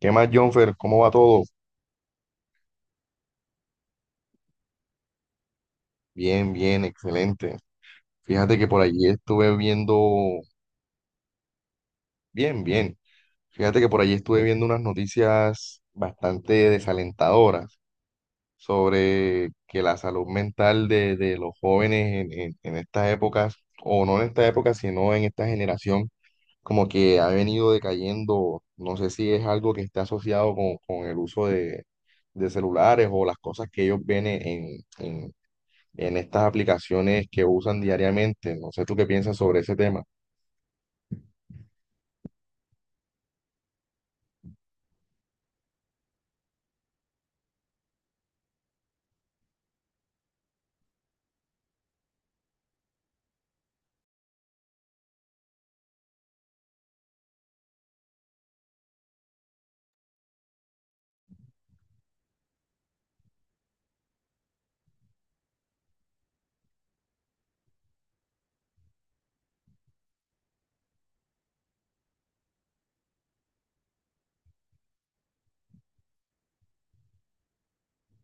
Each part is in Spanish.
¿Qué más, Jonfer? ¿Cómo va todo? Bien, bien, excelente. Fíjate que por allí estuve viendo, bien, bien. Fíjate que por allí estuve viendo unas noticias bastante desalentadoras sobre que la salud mental de los jóvenes en estas épocas, o no en esta época, sino en esta generación, como que ha venido decayendo. No sé si es algo que está asociado con el uso de celulares o las cosas que ellos ven en estas aplicaciones que usan diariamente. No sé tú qué piensas sobre ese tema.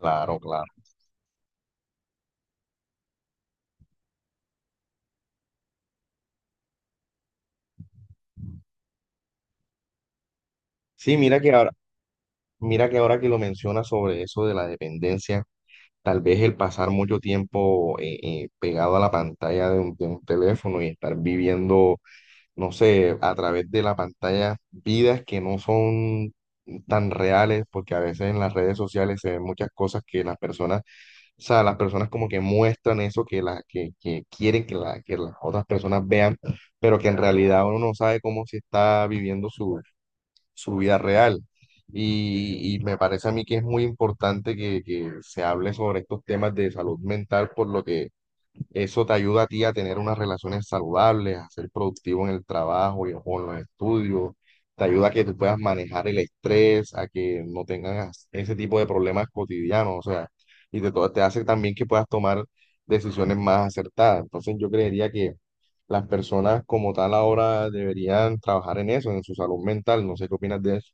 Claro, claro. Sí, mira que ahora que lo mencionas sobre eso de la dependencia, tal vez el pasar mucho tiempo pegado a la pantalla de un teléfono y estar viviendo, no sé, a través de la pantalla vidas que no son tan reales, porque a veces en las redes sociales se ven muchas cosas que las personas. O sea, las personas como que muestran eso que quieren que las otras personas vean, pero que en realidad uno no sabe cómo se está viviendo su vida real. Y me parece a mí que es muy importante que, se hable sobre estos temas de salud mental, por lo que eso te ayuda a ti a tener unas relaciones saludables, a ser productivo en el trabajo y o en los estudios. Te ayuda a que tú puedas manejar el estrés, a que no tengas ese tipo de problemas cotidianos, o sea, y te hace también que puedas tomar decisiones más acertadas. Entonces yo creería que las personas como tal ahora deberían trabajar en eso, en su salud mental. No sé qué opinas de eso.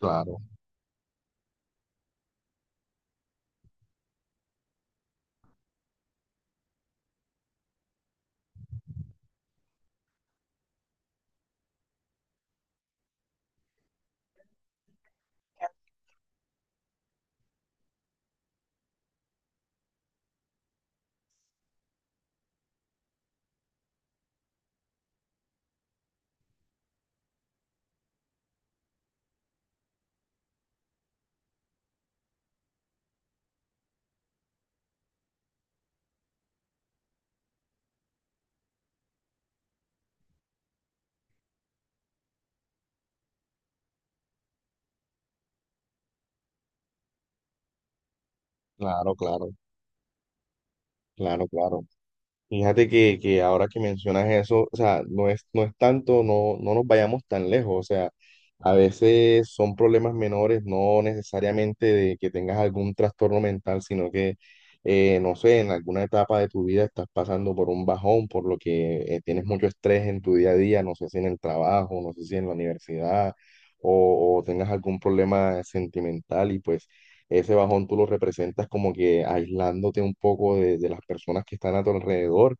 Claro, claro, claro, claro, claro. Fíjate que ahora que mencionas eso, o sea, no es tanto, no, no nos vayamos tan lejos, o sea, a veces son problemas menores, no necesariamente de que tengas algún trastorno mental, sino que, no sé, en alguna etapa de tu vida estás pasando por un bajón, por lo que tienes mucho estrés en tu día a día, no sé si en el trabajo, no sé si en la universidad, o tengas algún problema sentimental y pues ese bajón tú lo representas como que aislándote un poco de las personas que están a tu alrededor.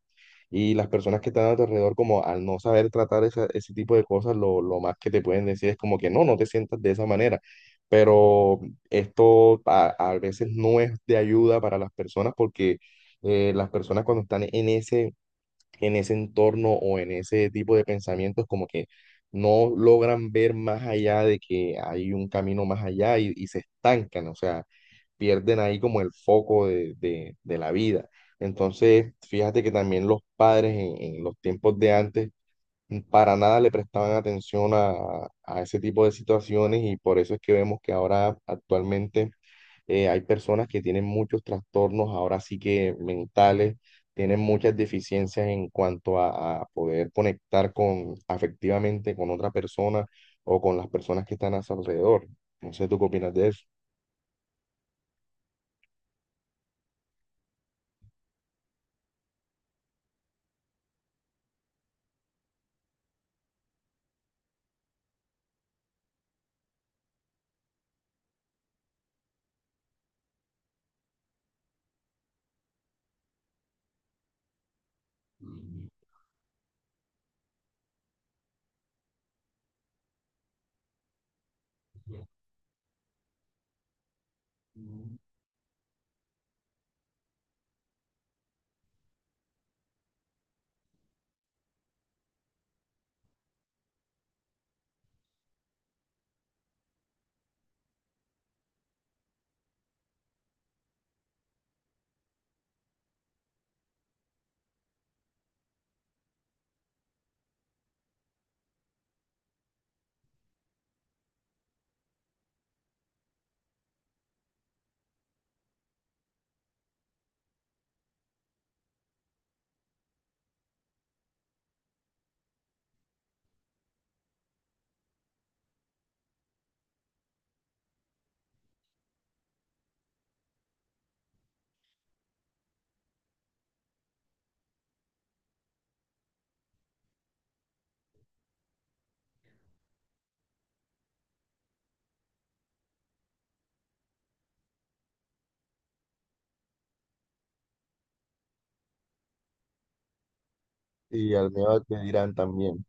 Y las personas que están a tu alrededor, como al no saber tratar ese tipo de cosas, lo más que te pueden decir es como que no, no te sientas de esa manera. Pero esto a veces no es de ayuda para las personas porque las personas cuando están en en ese entorno o en ese tipo de pensamientos, como que no logran ver más allá de que hay un camino más allá y se estancan, o sea, pierden ahí como el foco de la vida. Entonces, fíjate que también los padres en los tiempos de antes para nada le prestaban atención a ese tipo de situaciones y por eso es que vemos que ahora actualmente hay personas que tienen muchos trastornos, ahora sí que mentales, tienen muchas deficiencias en cuanto a poder conectar con afectivamente con otra persona o con las personas que están a su alrededor. No sé, ¿tú qué opinas de eso? Y al miedo al que dirán también.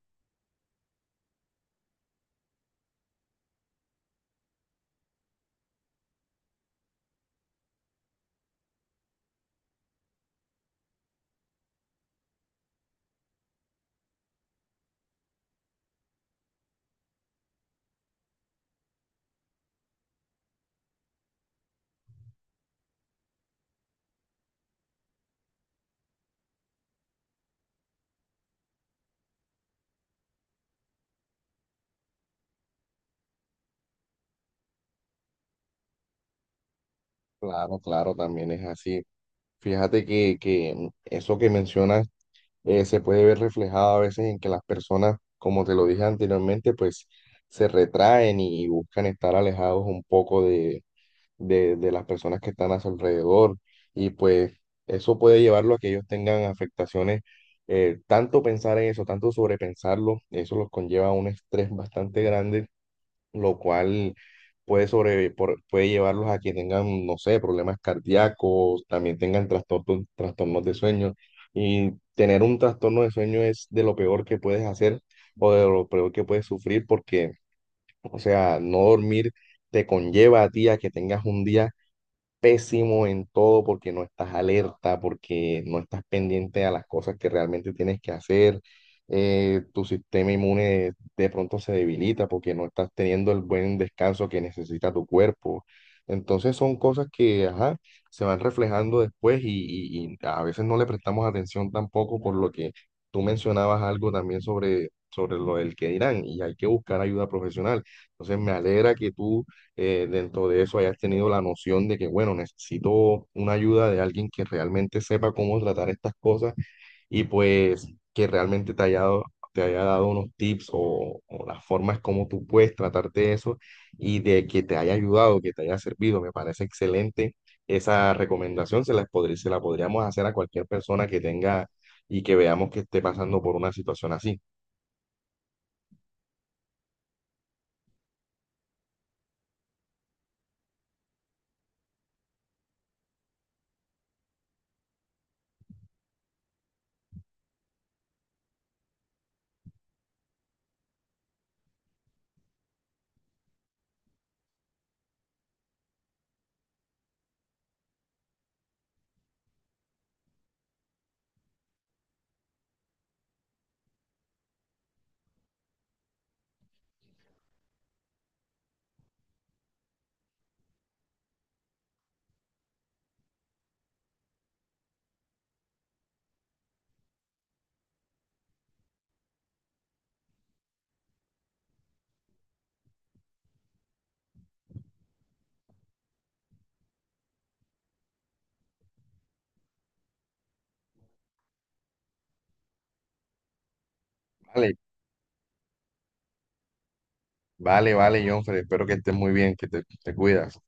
Claro, claro, también es así. Fíjate que eso que mencionas se puede ver reflejado a veces en que las personas, como te lo dije anteriormente, pues se retraen y buscan estar alejados un poco de las personas que están a su alrededor y pues eso puede llevarlo a que ellos tengan afectaciones. Tanto pensar en eso, tanto sobrepensarlo, eso los conlleva a un estrés bastante grande lo cual puede llevarlos a que tengan, no sé, problemas cardíacos, también tengan trastornos, trastornos de sueño. Y tener un trastorno de sueño es de lo peor que puedes hacer o de lo peor que puedes sufrir porque, o sea, no dormir te conlleva a ti a que tengas un día pésimo en todo porque no estás alerta, porque no estás pendiente a las cosas que realmente tienes que hacer. Tu sistema inmune de pronto se debilita porque no estás teniendo el buen descanso que necesita tu cuerpo. Entonces son cosas que, ajá, se van reflejando después y a veces no le prestamos atención tampoco por lo que tú mencionabas algo también sobre lo del que dirán y hay que buscar ayuda profesional. Entonces me alegra que tú dentro de eso hayas tenido la noción de que, bueno, necesito una ayuda de alguien que realmente sepa cómo tratar estas cosas y pues que realmente te haya dado unos tips o las formas como tú puedes tratarte de eso y de que te haya ayudado, que te haya servido. Me parece excelente esa recomendación, se la podríamos hacer a cualquier persona que tenga y que veamos que esté pasando por una situación así. Vale, vale, vale, Jonfer, espero que estés muy bien, que te cuidas.